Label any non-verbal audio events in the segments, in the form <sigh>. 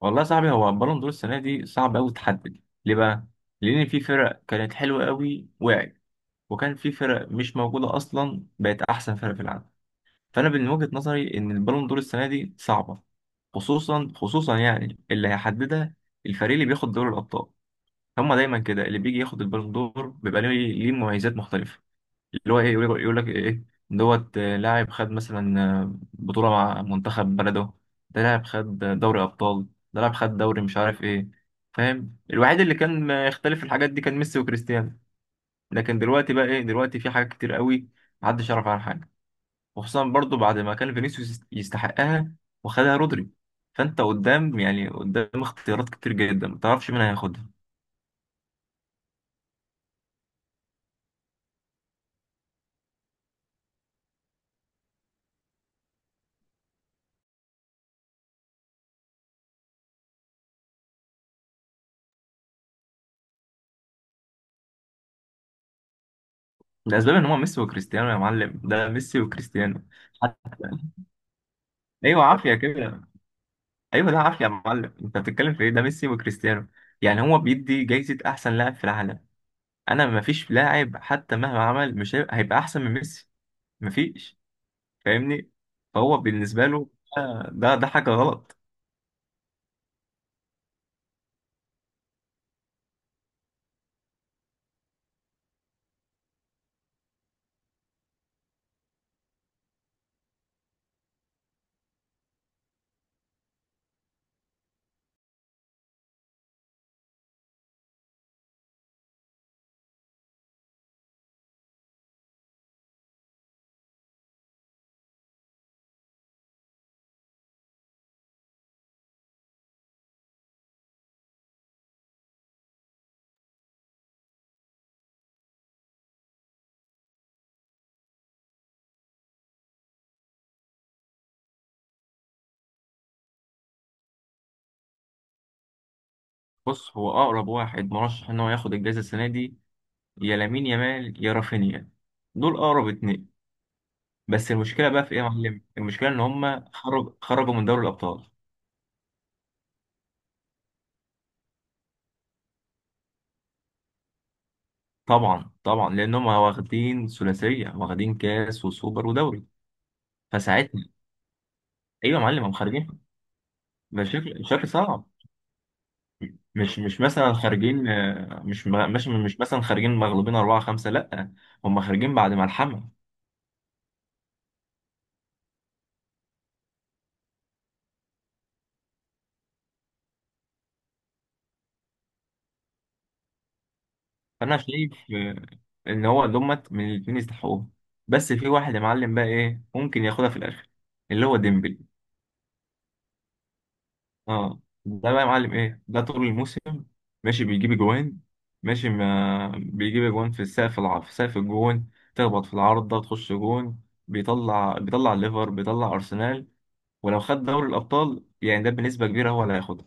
والله يا صاحبي، هو البالون دور السنه دي صعب قوي تحدد ليه بقى. لان في فرق كانت حلوه قوي وقعت، وكان في فرق مش موجوده اصلا بقت احسن فرق في العالم. فانا من وجهه نظري ان البالون دور السنه دي صعبه. خصوصا يعني اللي هيحددها الفريق اللي بياخد دوري الابطال. هما دايما كده اللي بيجي ياخد البالون دور بيبقى ليه، ليه مميزات مختلفه. اللي هو ايه، يقول يقول لك ايه دوت آه، لاعب خد مثلا، بطولة مع منتخب بلده، ده لاعب خد دوري أبطال، ده لاعب خد دوري مش عارف ايه. فاهم؟ الوحيد اللي كان ما يختلف في الحاجات دي كان ميسي وكريستيانو. لكن دلوقتي بقى ايه، دلوقتي في حاجات كتير قوي محدش يعرف عنها حاجة. وخصوصا برضو بعد ما كان فينيسيوس يستحقها وخدها رودري. فانت قدام يعني قدام اختيارات كتير جدا، ما تعرفش مين هياخدها. الاسباب ان هو ميسي وكريستيانو يا معلم، ده ميسي وكريستيانو. ايوه عافيه كده. ايوه ده عافيه يا معلم، انت بتتكلم في ايه، ده ميسي وكريستيانو. يعني هو بيدي جايزه احسن لاعب في العالم. انا مفيش لاعب حتى مهما عمل مش هيبقى احسن من ميسي. مفيش. فاهمني؟ فهو بالنسبه له ده حاجه غلط. بص، هو اقرب واحد مرشح ان هو ياخد الجائزه السنه دي، يا لامين يامال يا رافينيا. دول اقرب اتنين. بس المشكله بقى في ايه يا معلم؟ المشكله ان هم خرجوا من دوري الابطال. طبعا طبعا، لان هم واخدين ثلاثيه، واخدين كاس وسوبر ودوري. فساعتها ايوه يا معلم هم خارجين. بشكل صعب. مش مش مثلا خارجين، مش م- مش مش مثلا خارجين مغلوبين أربعة خمسة، لأ. هم خارجين بعد ملحمة. فأنا شايف إن هو دومت من الاتنين يستحقوها. بس في واحد يا معلم بقى، إيه ممكن ياخدها في الآخر، اللي هو ديمبلي. أه ده بقى يا معلم إيه، ده طول الموسم ماشي بيجيب أجوان، ماشي ما بيجيب أجوان في السقف الع... في سقف الجون، تخبط في العارضة تخش جون. بيطلع ليفر، بيطلع أرسنال. ولو خد دوري الابطال يعني، ده بنسبه كبيره هو اللي هياخدها.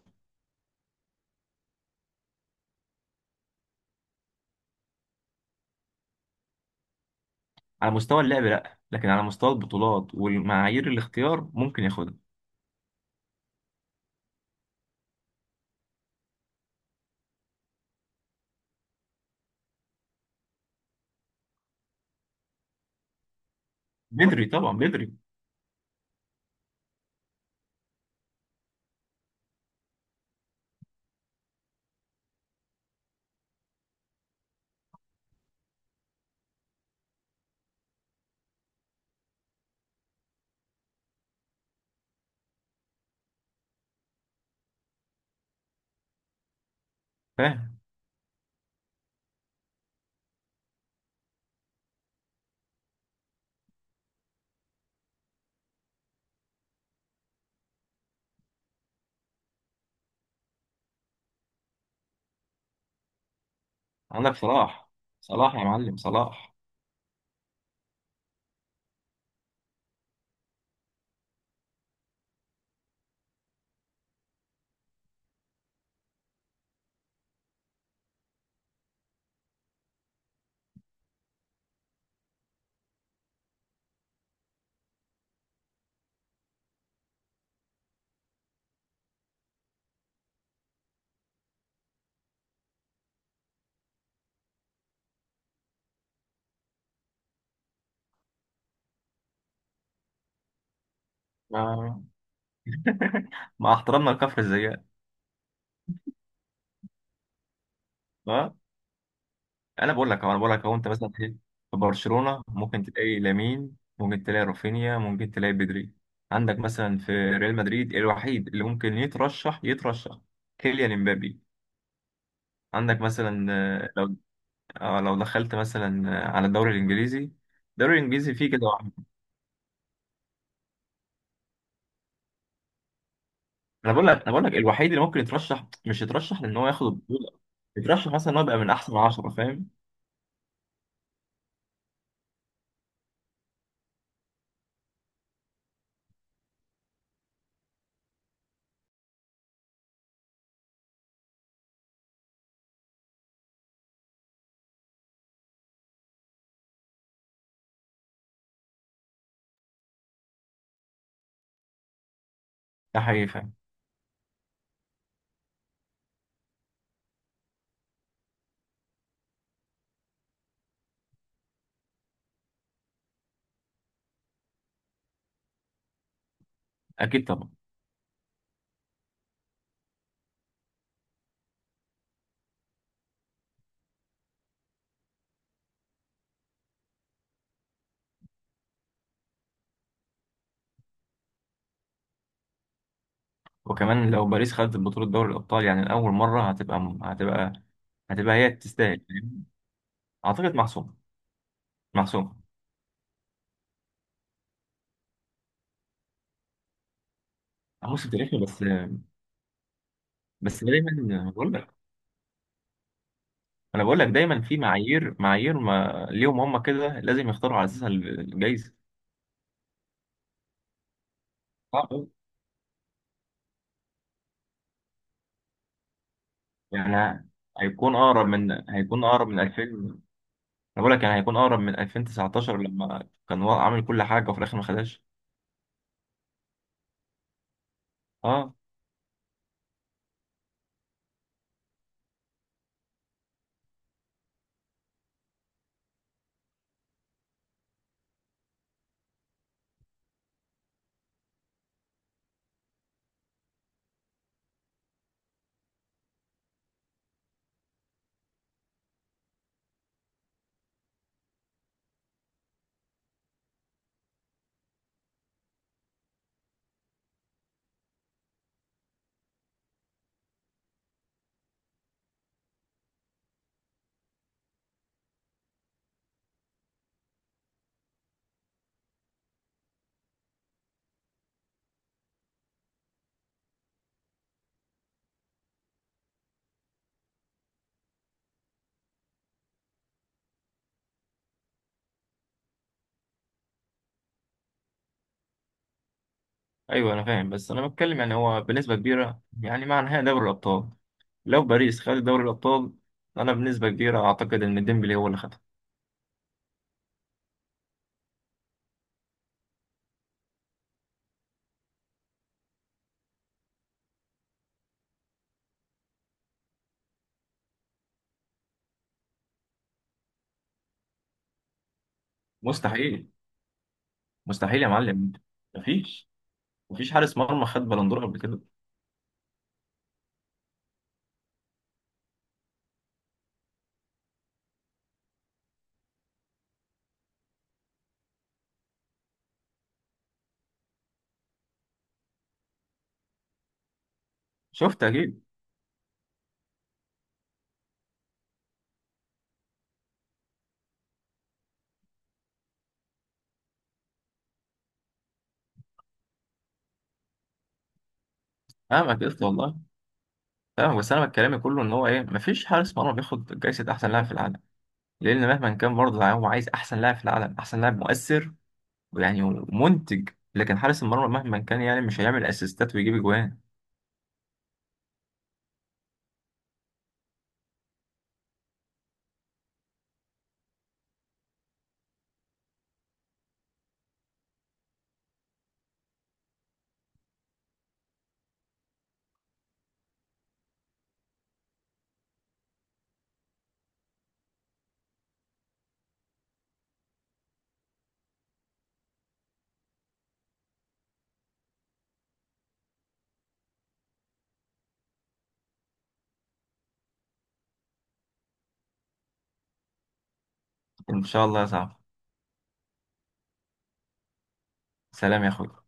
على مستوى اللعب لا، لكن على مستوى البطولات والمعايير الاختيار ممكن ياخدها. بدري طبعا بدري. فاهم. عندك صلاح. صلاح يا معلم صلاح. ما- <laughs> مع احترامنا لكفر الزيات. ها، انا بقول لك اهو، انا بقول لك اهو، انت مثلا في، في برشلونه ممكن تلاقي لامين، ممكن تلاقي رافينيا، ممكن تلاقي بدري. عندك مثلا في ريال مدريد، الوحيد اللي ممكن يترشح يترشح كيليان امبابي. عندك مثلا، اه، لو دخلت مثلا على الدوري الانجليزي، الدوري الانجليزي فيه كده واحد. انا بقول لك، انا بقول لك الوحيد اللي ممكن يترشح، مش يترشح لان هو ياخد البطوله، يترشح مثلا ان هو يبقى من احسن 10. فاهم. ده حقيقي. فاهم. اكيد طبعا. وكمان لو باريس خدت بطوله دوري الابطال يعني لاول مره، هتبقى هي تستاهل. فاهم؟ اعتقد محسومه. محسومه. موسم تاريخي بس. بس دايما بقول لك، انا بقول لك دايما في معايير ما ليهم هم كده، لازم يختاروا على اساسها الجايزه. يعني هيكون اقرب من، هيكون اقرب من 2000، انا بقول لك، يعني هيكون اقرب من 2019 لما كان هو عامل كل حاجه وفي الاخر ما خدهاش. اه. ايوه انا فاهم، بس انا بتكلم يعني هو بنسبه كبيره يعني مع نهائي دوري الابطال، لو باريس خد دوري الابطال، انا بنسبه كبيره اعتقد ان ديمبلي هو اللي خدها. مستحيل. مستحيل يا معلم. مفيش. مفيش حارس مرمى خد بلندور قبل كده. شفت اكيد. فاهمك، قلت والله. فاهمك بس انا كلامي كله ان هو ايه، مفيش حارس مرمى بياخد جايزه احسن لاعب في العالم. لان مهما كان برضه يعني هو عايز احسن لاعب في العالم، احسن لاعب مؤثر ويعني منتج. لكن حارس المرمى مهما كان يعني مش هيعمل اسيستات ويجيب اجوان. ان شاء الله يا صاحبي. سلام يا اخوي.